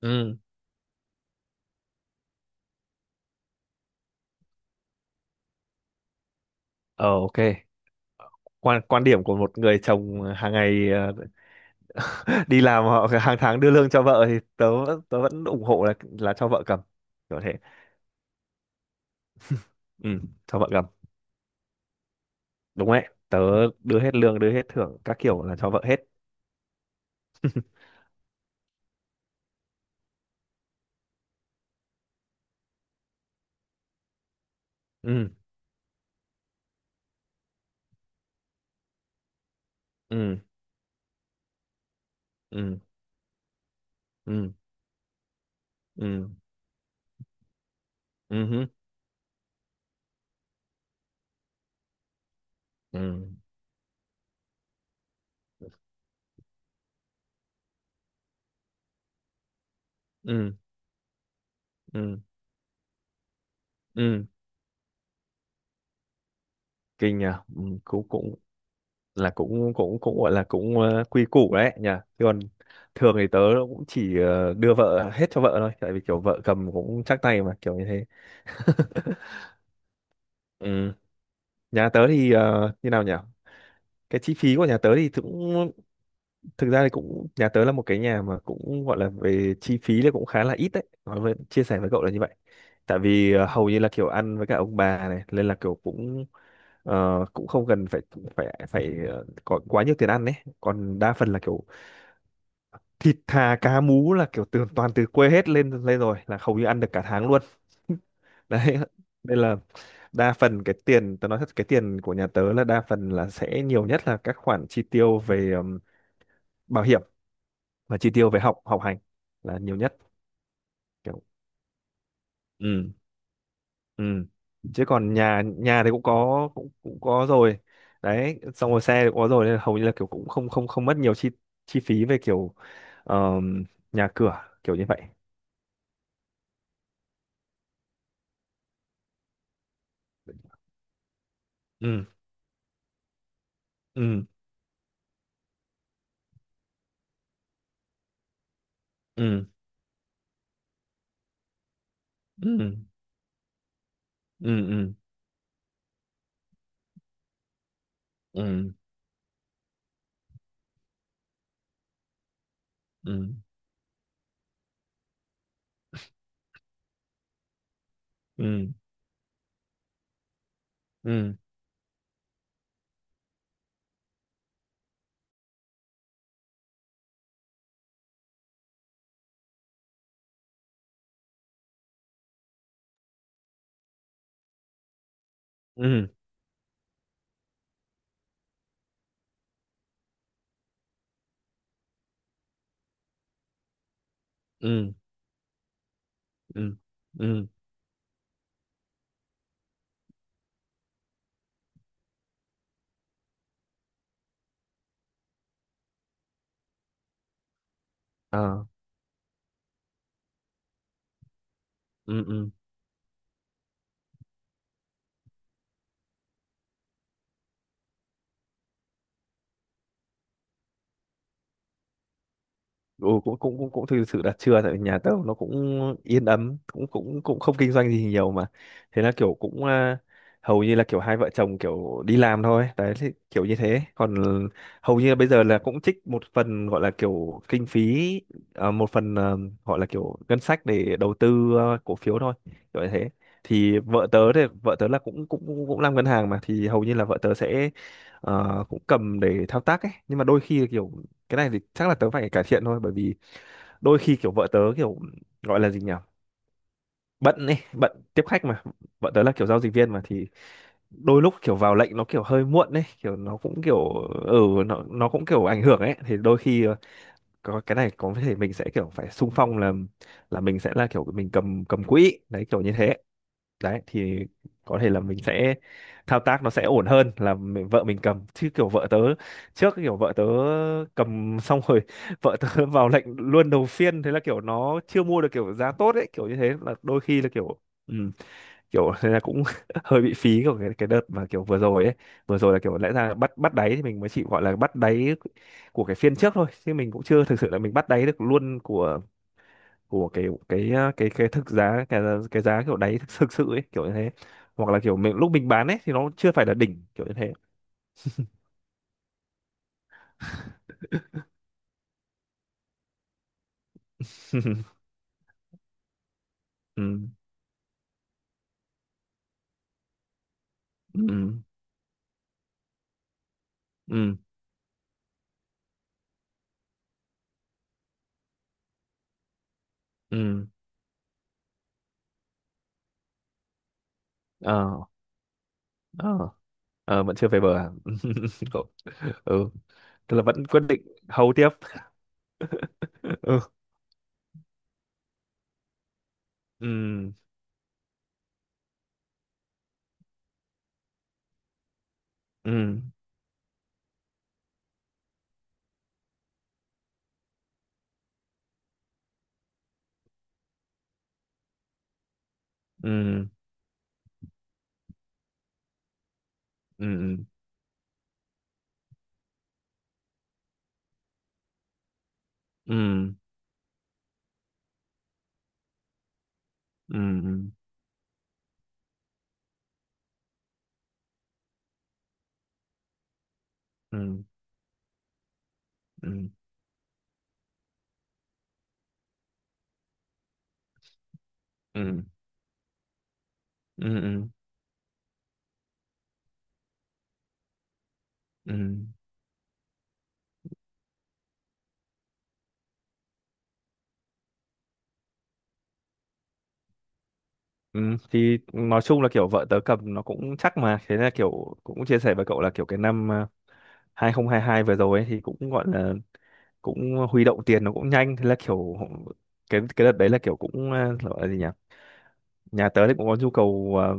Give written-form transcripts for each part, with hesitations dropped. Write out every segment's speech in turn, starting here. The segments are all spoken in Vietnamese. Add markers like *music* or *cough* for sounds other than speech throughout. Ừ. Ờ, ok. Quan quan điểm của một người chồng hàng ngày *laughs* đi làm họ hàng tháng đưa lương cho vợ thì tớ vẫn ủng hộ là cho vợ cầm. Kiểu thế. Ừ, cho vợ cầm. Đúng đấy. Tớ đưa hết lương, đưa hết thưởng các kiểu là cho vợ hết. Ừ. Ừ. Ừ. Ừ. Ừ. Ừ hứ. Ừ. Ừ. Ừ. Ừ. Kinh nhỉ. Ừ. Cũng cũng là cũng cũng cũng gọi là cũng quy củ đấy nhỉ. Thế còn thường thì tớ cũng chỉ đưa vợ hết cho vợ thôi, tại vì kiểu vợ cầm cũng chắc tay mà, kiểu như thế. *laughs* Ừ. Nhà tớ thì như nào nhỉ, cái chi phí của nhà tớ thì cũng, thực ra thì cũng, nhà tớ là một cái nhà mà cũng gọi là về chi phí thì cũng khá là ít đấy, nói với chia sẻ với cậu là như vậy. Tại vì hầu như là kiểu ăn với cả ông bà này nên là kiểu cũng cũng không cần phải phải phải ờ, có quá nhiều tiền ăn đấy. Còn đa phần là kiểu thịt thà cá mú là kiểu từ toàn từ quê hết lên lên rồi là hầu như ăn được cả tháng luôn. *laughs* Đấy nên là đa phần cái tiền, tớ nói thật, cái tiền của nhà tớ là đa phần là sẽ nhiều nhất là các khoản chi tiêu về bảo hiểm và chi tiêu về học học hành là nhiều nhất. Kiểu. Ừ. Ừ. Chứ còn nhà nhà thì cũng có, cũng cũng có rồi, đấy, xong rồi xe thì cũng có rồi, nên là hầu như là kiểu cũng không không không mất nhiều chi chi phí về kiểu ờm, nhà cửa, kiểu như vậy. Ừ. Ừ. Ừ. Ừ. Ừ. Ừ. Ừ. Ừ. Ừ. Ừ. Ừ. Ừ. Ừ. Ừ. Ừ, ờ, ừ. Ừ. Ừ, cũng cũng cũng cũng thực sự là chưa, tại vì nhà tớ nó cũng yên ấm, cũng cũng cũng không kinh doanh gì nhiều mà, thế là kiểu cũng, à, hầu như là kiểu hai vợ chồng kiểu đi làm thôi đấy, thì kiểu như thế. Còn hầu như là bây giờ là cũng trích một phần gọi là kiểu kinh phí, à, một phần, à, gọi là kiểu ngân sách để đầu tư, à, cổ phiếu thôi, kiểu như thế. Thì vợ tớ, thì vợ tớ là cũng cũng cũng cũng làm ngân hàng mà, thì hầu như là vợ tớ sẽ cũng cầm để thao tác ấy, nhưng mà đôi khi là kiểu, cái này thì chắc là tớ phải cải thiện thôi, bởi vì đôi khi kiểu vợ tớ kiểu, gọi là gì nhỉ, bận ấy, bận tiếp khách mà, vợ tớ là kiểu giao dịch viên mà, thì đôi lúc kiểu vào lệnh nó kiểu hơi muộn ấy, kiểu nó cũng kiểu, ừ, nó cũng kiểu ảnh hưởng ấy, thì đôi khi có cái này có thể mình sẽ kiểu phải xung phong là mình sẽ là kiểu mình cầm cầm quỹ đấy, kiểu như thế. Đấy thì có thể là mình sẽ thao tác nó sẽ ổn hơn là mình, vợ mình cầm, chứ kiểu vợ tớ trước, kiểu vợ tớ cầm xong rồi, *laughs* vợ tớ vào lệnh luôn đầu phiên, thế là kiểu nó chưa mua được kiểu giá tốt ấy, kiểu như thế, là đôi khi là kiểu, ừ, kiểu *laughs* thế là cũng *laughs* hơi bị phí của cái đợt mà kiểu vừa rồi ấy. Vừa rồi là kiểu lẽ ra bắt bắt đáy thì mình mới chỉ gọi là bắt đáy của cái phiên trước thôi, chứ mình cũng chưa thực sự là mình bắt đáy được luôn của của cái thực giá, cái giá kiểu đáy thực, thực sự ấy, kiểu như thế. Hoặc là kiểu mình lúc mình bán ấy thì nó chưa phải là đỉnh, kiểu như thế. *laughs* Ừ. Ừ. Ừ. Ừ. Ờ. Ờ. Ờ vẫn chưa về bờ à? *laughs* Cậu- ừ, tức là vẫn quyết định hầu tiếp. *laughs* Ừ. Ừ. Ừ. Ừ. Ừ. Ừ. Ừ. Ừ. Ừ. Ừ. Ừ. Ừ. Ừ. Ừ. Ừ. Ừ, thì nói chung là kiểu vợ tớ cầm nó cũng chắc mà, thế là kiểu cũng chia sẻ với cậu là kiểu, cái năm 2022 vừa rồi ấy, thì cũng gọi là cũng huy động tiền nó cũng nhanh, thế là kiểu cái đợt đấy là kiểu cũng gọi là gì nhỉ, nhà tớ thì cũng có nhu cầu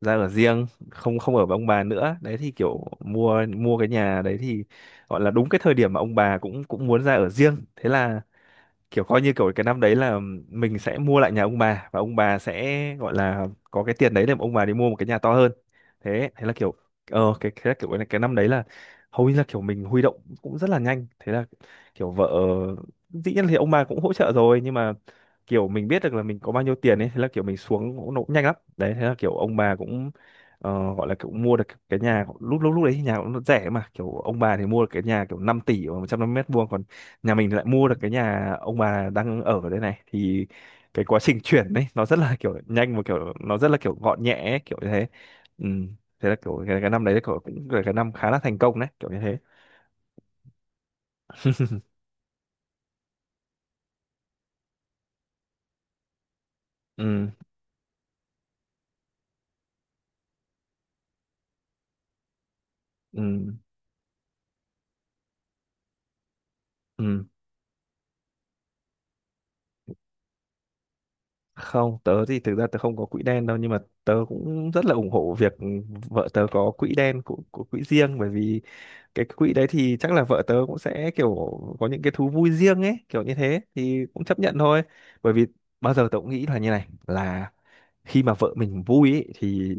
ra ở riêng, không không ở với ông bà nữa đấy, thì kiểu mua mua cái nhà đấy thì gọi là đúng cái thời điểm mà ông bà cũng cũng muốn ra ở riêng, thế là kiểu coi như kiểu cái năm đấy là mình sẽ mua lại nhà ông bà, và ông bà sẽ gọi là có cái tiền đấy để mà ông bà đi mua một cái nhà to hơn. Thế thế là kiểu, cái năm đấy là hầu như là kiểu mình huy động cũng rất là nhanh, thế là kiểu vợ, dĩ nhiên thì ông bà cũng hỗ trợ rồi, nhưng mà kiểu mình biết được là mình có bao nhiêu tiền ấy, thế là kiểu mình xuống cũng nó cũng nhanh lắm đấy, thế là kiểu ông bà cũng gọi là kiểu mua được cái nhà lúc lúc lúc đấy thì nhà cũng rẻ mà, kiểu ông bà thì mua được cái nhà kiểu 5 tỷ và 150 mét vuông, nhà mình lại mua được cái nhà ông bà đang ở ở đây này, thì cái quá trình chuyển đấy nó rất là kiểu nhanh và kiểu nó rất là kiểu gọn nhẹ ấy, kiểu như thế. Ừ. Thế là kiểu cái năm đấy kiểu cũng là cái năm khá là thành công đấy, kiểu như thế. Ừ. Ừ. Ừ. Không, tớ thì thực ra tớ không có quỹ đen đâu, nhưng mà tớ cũng rất là ủng hộ việc vợ tớ có quỹ đen của quỹ riêng, bởi vì cái quỹ đấy thì chắc là vợ tớ cũng sẽ kiểu có những cái thú vui riêng ấy, kiểu như thế thì cũng chấp nhận thôi. Bởi vì bao giờ tớ cũng nghĩ là như này là khi mà vợ mình vui ấy, thì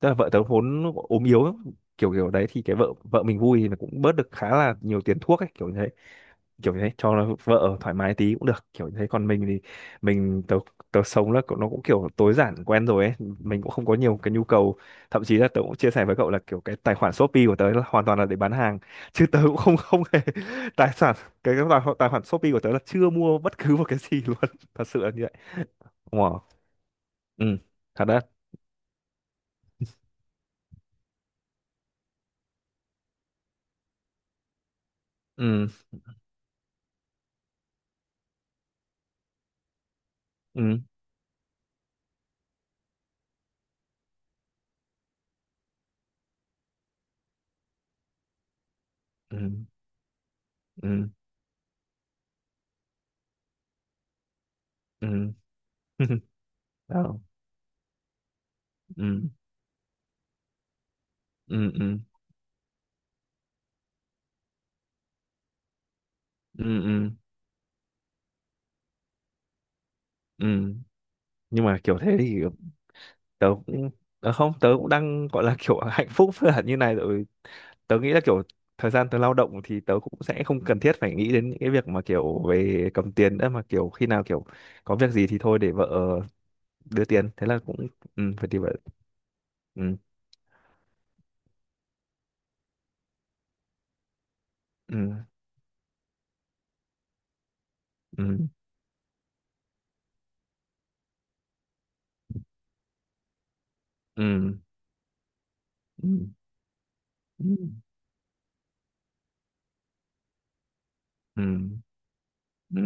tức là vợ tớ vốn ốm yếu, kiểu kiểu đấy, thì cái vợ vợ mình vui thì nó cũng bớt được khá là nhiều tiền thuốc ấy, kiểu như thế, kiểu như thế, cho nó vợ thoải mái tí cũng được, kiểu như thế. Còn mình thì, mình tớ tớ sống là, cậu- nó cũng kiểu tối giản quen rồi ấy, mình cũng không có nhiều cái nhu cầu. Thậm chí là tớ cũng chia sẻ với cậu là kiểu cái tài khoản Shopee của tớ là hoàn toàn là để bán hàng *laughs* chứ tớ cũng không không hề *laughs* tài sản, cái tài, tài khoản Shopee của tớ là chưa mua bất cứ một cái gì luôn, *laughs* thật sự là như vậy. Wow. Ừ, thật đấy. Ừ. Ừ. Ừ. Ừ. Ừ. *laughs* Đó. Ừ. Ừ. Ừ. Ừ. Ừ. Ừ. Nhưng mà kiểu thế thì tớ cũng, tớ không, tớ cũng đang gọi là kiểu *laughs* hạnh phúc là như này rồi. Tớ nghĩ là kiểu thời gian tớ lao động thì tớ cũng sẽ không cần thiết phải nghĩ đến những cái việc mà kiểu về cầm tiền nữa, mà kiểu khi nào kiểu có việc gì thì thôi để vợ đưa tiền, thế là cũng, ừ, phải thì vợ. Ừ. Ừ. Ừ. Ừ. Ừ. Ừ. Ừ. Ừ. Ừ,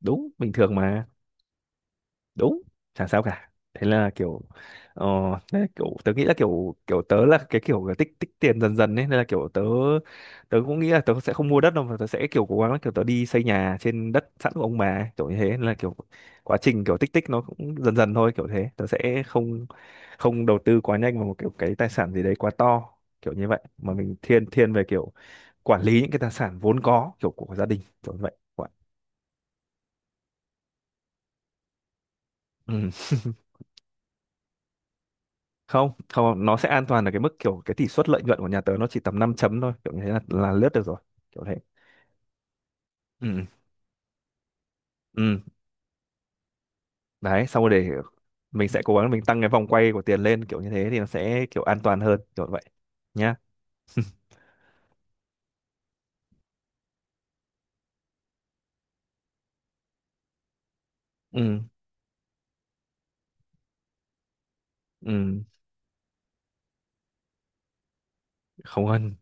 đúng, bình thường mà. Đúng, chẳng sao cả. Thế là kiểu ờ, thế là kiểu tớ nghĩ là kiểu kiểu tớ là cái kiểu là tích tích tiền dần dần ấy, nên là kiểu tớ, tớ cũng nghĩ là tớ sẽ không mua đất đâu mà tớ sẽ kiểu cố gắng là kiểu tớ đi xây nhà trên đất sẵn của ông bà ấy, kiểu như thế. Nên là kiểu quá trình kiểu tích tích nó cũng dần dần thôi, kiểu thế tớ sẽ không không đầu tư quá nhanh vào một kiểu cái tài sản gì đấy quá to, kiểu như vậy, mà mình thiên thiên về kiểu quản lý những cái tài sản vốn có kiểu của gia đình, kiểu như vậy. Vậy. Ừ. Không, không, nó sẽ an toàn ở cái mức kiểu cái tỷ suất lợi nhuận của nhà tớ nó chỉ tầm 5 chấm thôi, kiểu như thế là lướt được rồi, kiểu thế. Ừ. Ừ. Đấy, xong rồi để mình sẽ cố gắng mình tăng cái vòng quay của tiền lên, kiểu như thế thì nó sẽ kiểu an toàn hơn, kiểu vậy nhá. Ừ. Ừ. Không hơn.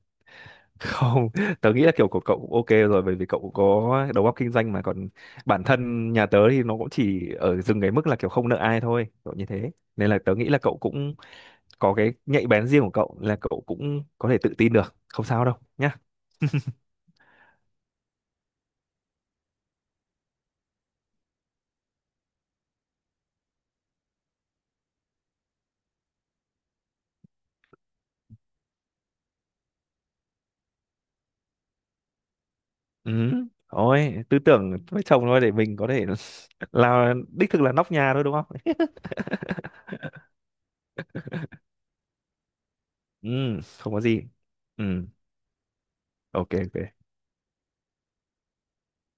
Không, *laughs* tớ nghĩ là kiểu của cậu cũng ok rồi, bởi vì cậu cũng có đầu óc kinh doanh mà. Còn bản thân nhà tớ thì nó cũng chỉ ở dừng cái mức là kiểu không nợ ai thôi, kiểu như thế, nên là tớ nghĩ là cậu cũng có cái nhạy bén riêng của cậu, là cậu cũng có thể tự tin được, không sao đâu nhá. Ừ. Ôi, tư tưởng với chồng thôi, để mình có thể *laughs* là đích thực là nóc nhà thôi đúng không? *laughs* Ừ. Không có gì. Ừ. Ok, ok.